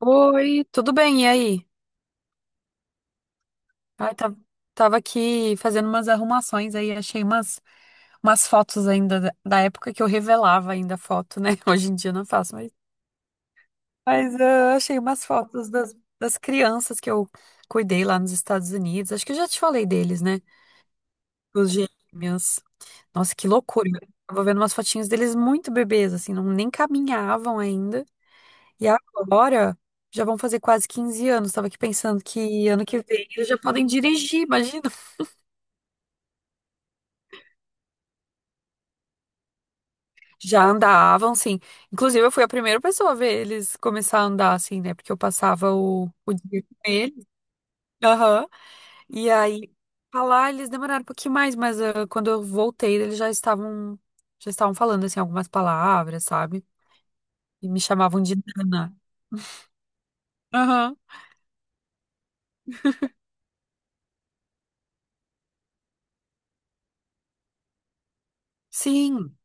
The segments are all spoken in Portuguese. Oi, tudo bem? E aí? Ai, tá- Tava aqui fazendo umas arrumações aí, achei umas fotos ainda da época que eu revelava ainda foto, né? Hoje em dia eu não faço mais, mas eu achei umas fotos das crianças que eu cuidei lá nos Estados Unidos. Acho que eu já te falei deles, né? Os gêmeos. Nossa, que loucura. Eu tava vendo umas fotinhas deles muito bebês, assim, não, nem caminhavam ainda. E agora já vão fazer quase 15 anos. Estava aqui pensando que ano que vem eles já podem dirigir, imagina. Já andavam, sim. Inclusive, eu fui a primeira pessoa a ver eles começar a andar, assim, né? Porque eu passava o dia com eles. Aham. E aí, pra lá eles demoraram um pouquinho mais, mas quando eu voltei, eles já estavam falando, assim, algumas palavras, sabe? E me chamavam de Nana. Aham. Sim,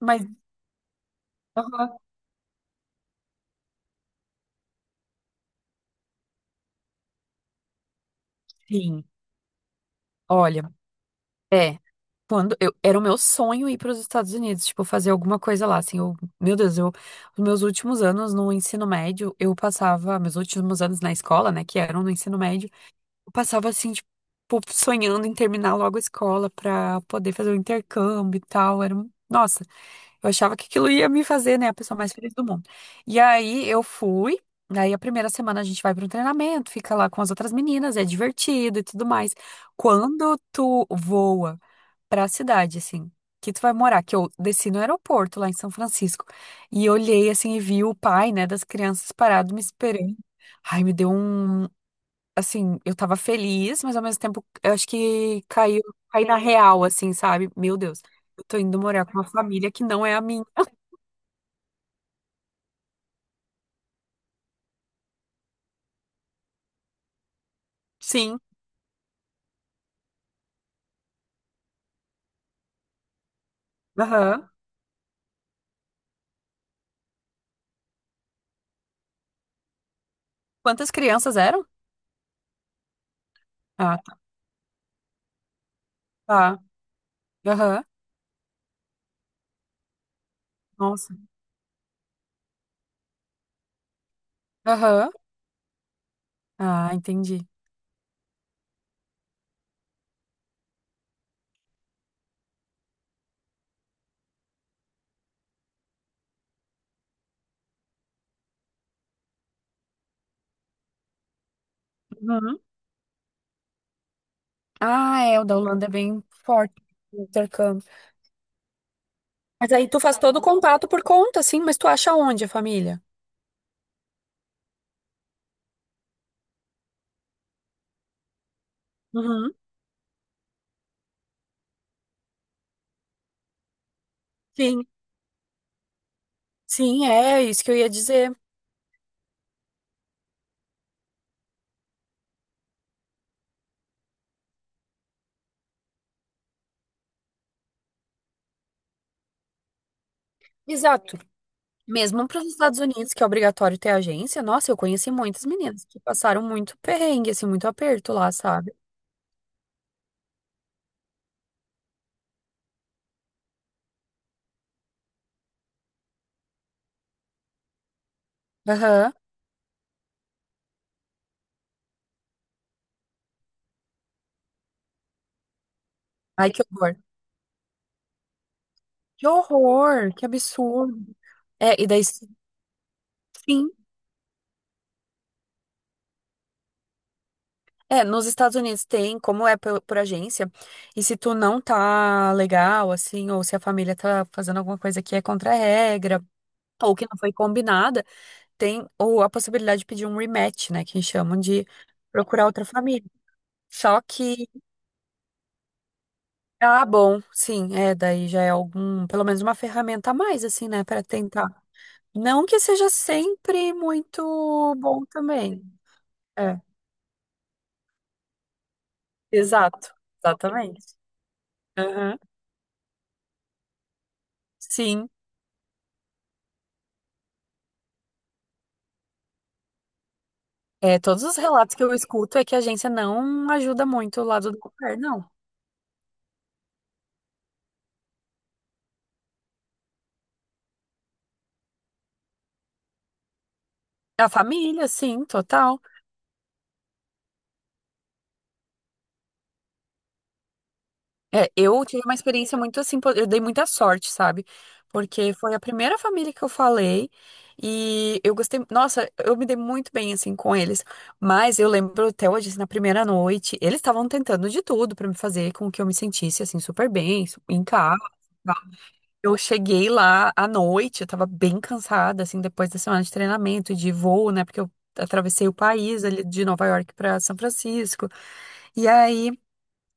mas. Aham. Sim. Olha. é. Quando eu, era o meu sonho ir para os Estados Unidos, tipo, fazer alguma coisa lá, assim, meu Deus, os meus últimos anos no ensino médio, eu passava, meus últimos anos na escola, né, que eram no ensino médio, eu passava, assim, tipo, sonhando em terminar logo a escola para poder fazer o intercâmbio e tal, nossa, eu achava que aquilo ia me fazer, né, a pessoa mais feliz do mundo. E aí eu fui, aí a primeira semana a gente vai para um treinamento, fica lá com as outras meninas, é divertido e tudo mais. Quando tu voa pra cidade, assim, que tu vai morar, que eu desci no aeroporto lá em São Francisco e olhei, assim, e vi o pai, né, das crianças parado me esperando. Ai, me deu um, assim, eu tava feliz, mas ao mesmo tempo, eu acho que caí na real, assim, sabe? Meu Deus, eu tô indo morar com uma família que não é a minha. Sim, aham. Quantas crianças eram? Ah, tá, aham. Nossa, aham. Ah, entendi. Uhum. Ah, é, o da Holanda é bem forte. O intercâmbio. Mas aí tu faz todo o contato por conta, sim, mas tu acha onde a família? Uhum, sim, sim, é isso que eu ia dizer. Exato. Mesmo para os Estados Unidos, que é obrigatório ter agência, nossa, eu conheci muitas meninas que passaram muito perrengue, assim, muito aperto lá, sabe? Aham. Ai, que horror. Que horror, que absurdo. É, e daí, sim. É, nos Estados Unidos tem, como é por agência, e se tu não tá legal, assim, ou se a família tá fazendo alguma coisa que é contra a regra, ou que não foi combinada, tem ou a possibilidade de pedir um rematch, né, que chamam de procurar outra família. Só que, ah, bom, sim, é, daí já é algum, pelo menos uma ferramenta a mais, assim, né, para tentar. Não que seja sempre muito bom também. É, exato, exatamente. Aham. Sim, é, todos os relatos que eu escuto é que a agência não ajuda muito o lado do governo, não. A família, sim, total. É, eu tive uma experiência muito assim, eu dei muita sorte, sabe? Porque foi a primeira família que eu falei e eu gostei, nossa, eu me dei muito bem assim com eles. Mas eu lembro até hoje, assim, na primeira noite, eles estavam tentando de tudo pra me fazer com que eu me sentisse assim super bem, em casa. e Eu cheguei lá à noite, eu tava bem cansada assim depois da semana de treinamento e de voo, né? Porque eu atravessei o país ali de Nova York pra São Francisco. E aí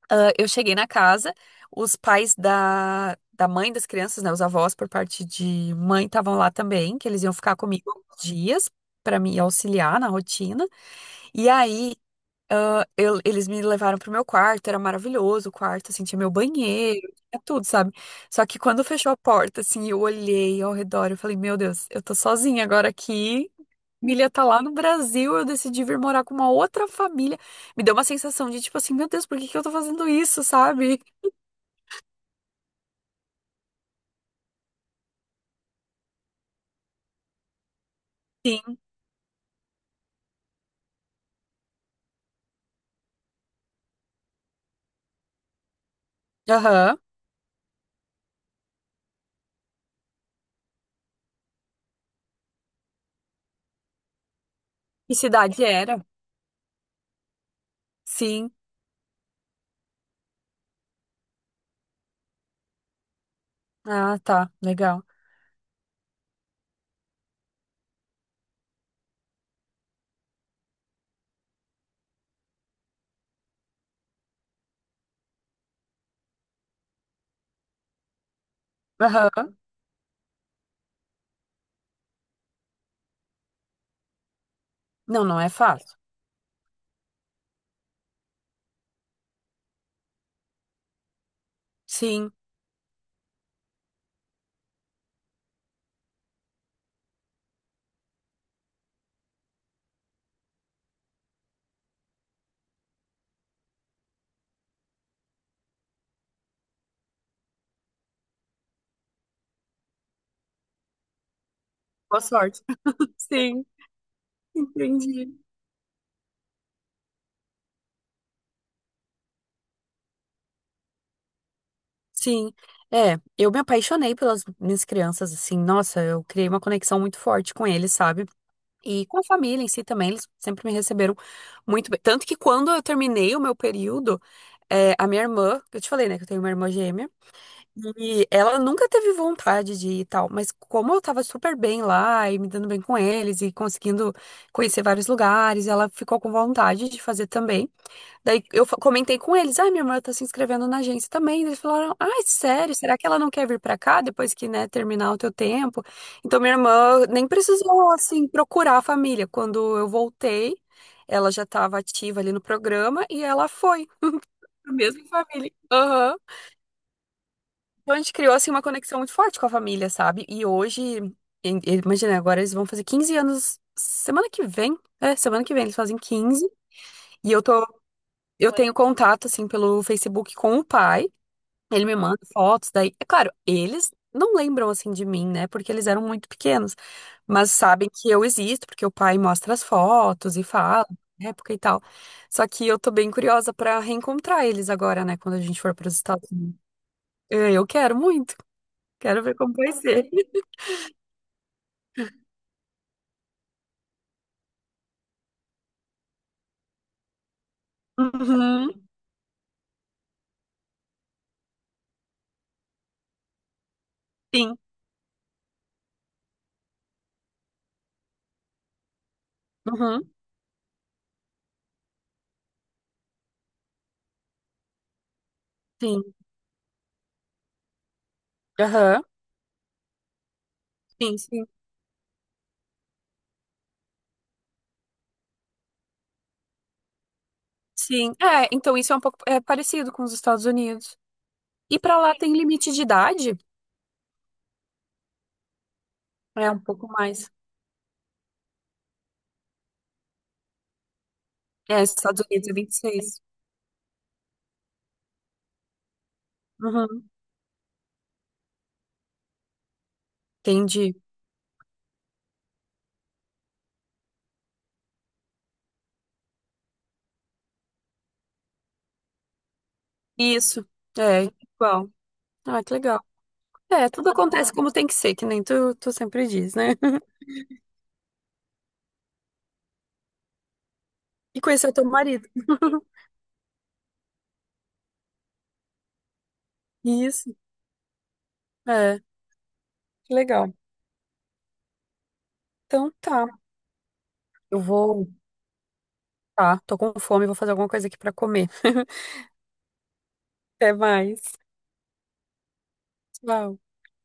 eu cheguei na casa, os pais da mãe das crianças, né, os avós por parte de mãe estavam lá também, que eles iam ficar comigo alguns dias para me auxiliar na rotina. E aí, eles me levaram pro meu quarto, era maravilhoso o quarto, assim, tinha meu banheiro, tinha tudo, sabe? Só que quando fechou a porta, assim, eu olhei ao redor, eu falei, meu Deus, eu tô sozinha agora aqui. Milha tá lá no Brasil, eu decidi vir morar com uma outra família. Me deu uma sensação de tipo assim, meu Deus, por que que eu tô fazendo isso, sabe? Aham. Que cidade era? Sim. Ah, tá. Legal. Aham. Não, não é fácil. Sim. Boa sorte. Sim, entendi. Sim. É, eu me apaixonei pelas minhas crianças, assim. Nossa, eu criei uma conexão muito forte com eles, sabe? E com a família em si também, eles sempre me receberam muito bem. Tanto que quando eu terminei o meu período, é, a minha irmã, eu te falei, né, que eu tenho uma irmã gêmea. E ela nunca teve vontade de ir e tal, mas como eu tava super bem lá e me dando bem com eles e conseguindo conhecer vários lugares, ela ficou com vontade de fazer também. Daí eu comentei com eles: ai, minha irmã tá se inscrevendo na agência também. Eles falaram: ai, sério, será que ela não quer vir pra cá depois que, né, terminar o teu tempo? Então minha irmã nem precisou, assim, procurar a família. Quando eu voltei, ela já tava ativa ali no programa e ela foi pra mesma família. Aham. Então a gente criou assim uma conexão muito forte com a família, sabe? E hoje, imagina, agora eles vão fazer 15 anos semana que vem. É, semana que vem eles fazem 15 e eu tenho contato assim pelo Facebook com o pai. Ele me manda fotos daí. É claro, eles não lembram assim de mim, né? Porque eles eram muito pequenos, mas sabem que eu existo porque o pai mostra as fotos e fala na época e tal. Só que eu tô bem curiosa pra reencontrar eles agora, né, quando a gente for para os Estados Unidos. É, eu quero muito. Quero ver como vai ser. Uhum, sim. Uhum, sim. Aham. Sim, sim. Sim. É, então isso é um pouco é parecido com os Estados Unidos. E pra lá tem limite de idade? É um pouco mais. É, os Estados Unidos é 26. Uhum, entendi. Isso. É, igual. Ah, que legal. É, tudo acontece como tem que ser, que nem tu, tu sempre diz, né? E conhecer o teu marido. Isso. É, que legal. Então tá. Eu vou. Tá, tô com fome, vou fazer alguma coisa aqui pra comer. Até mais. Tchau.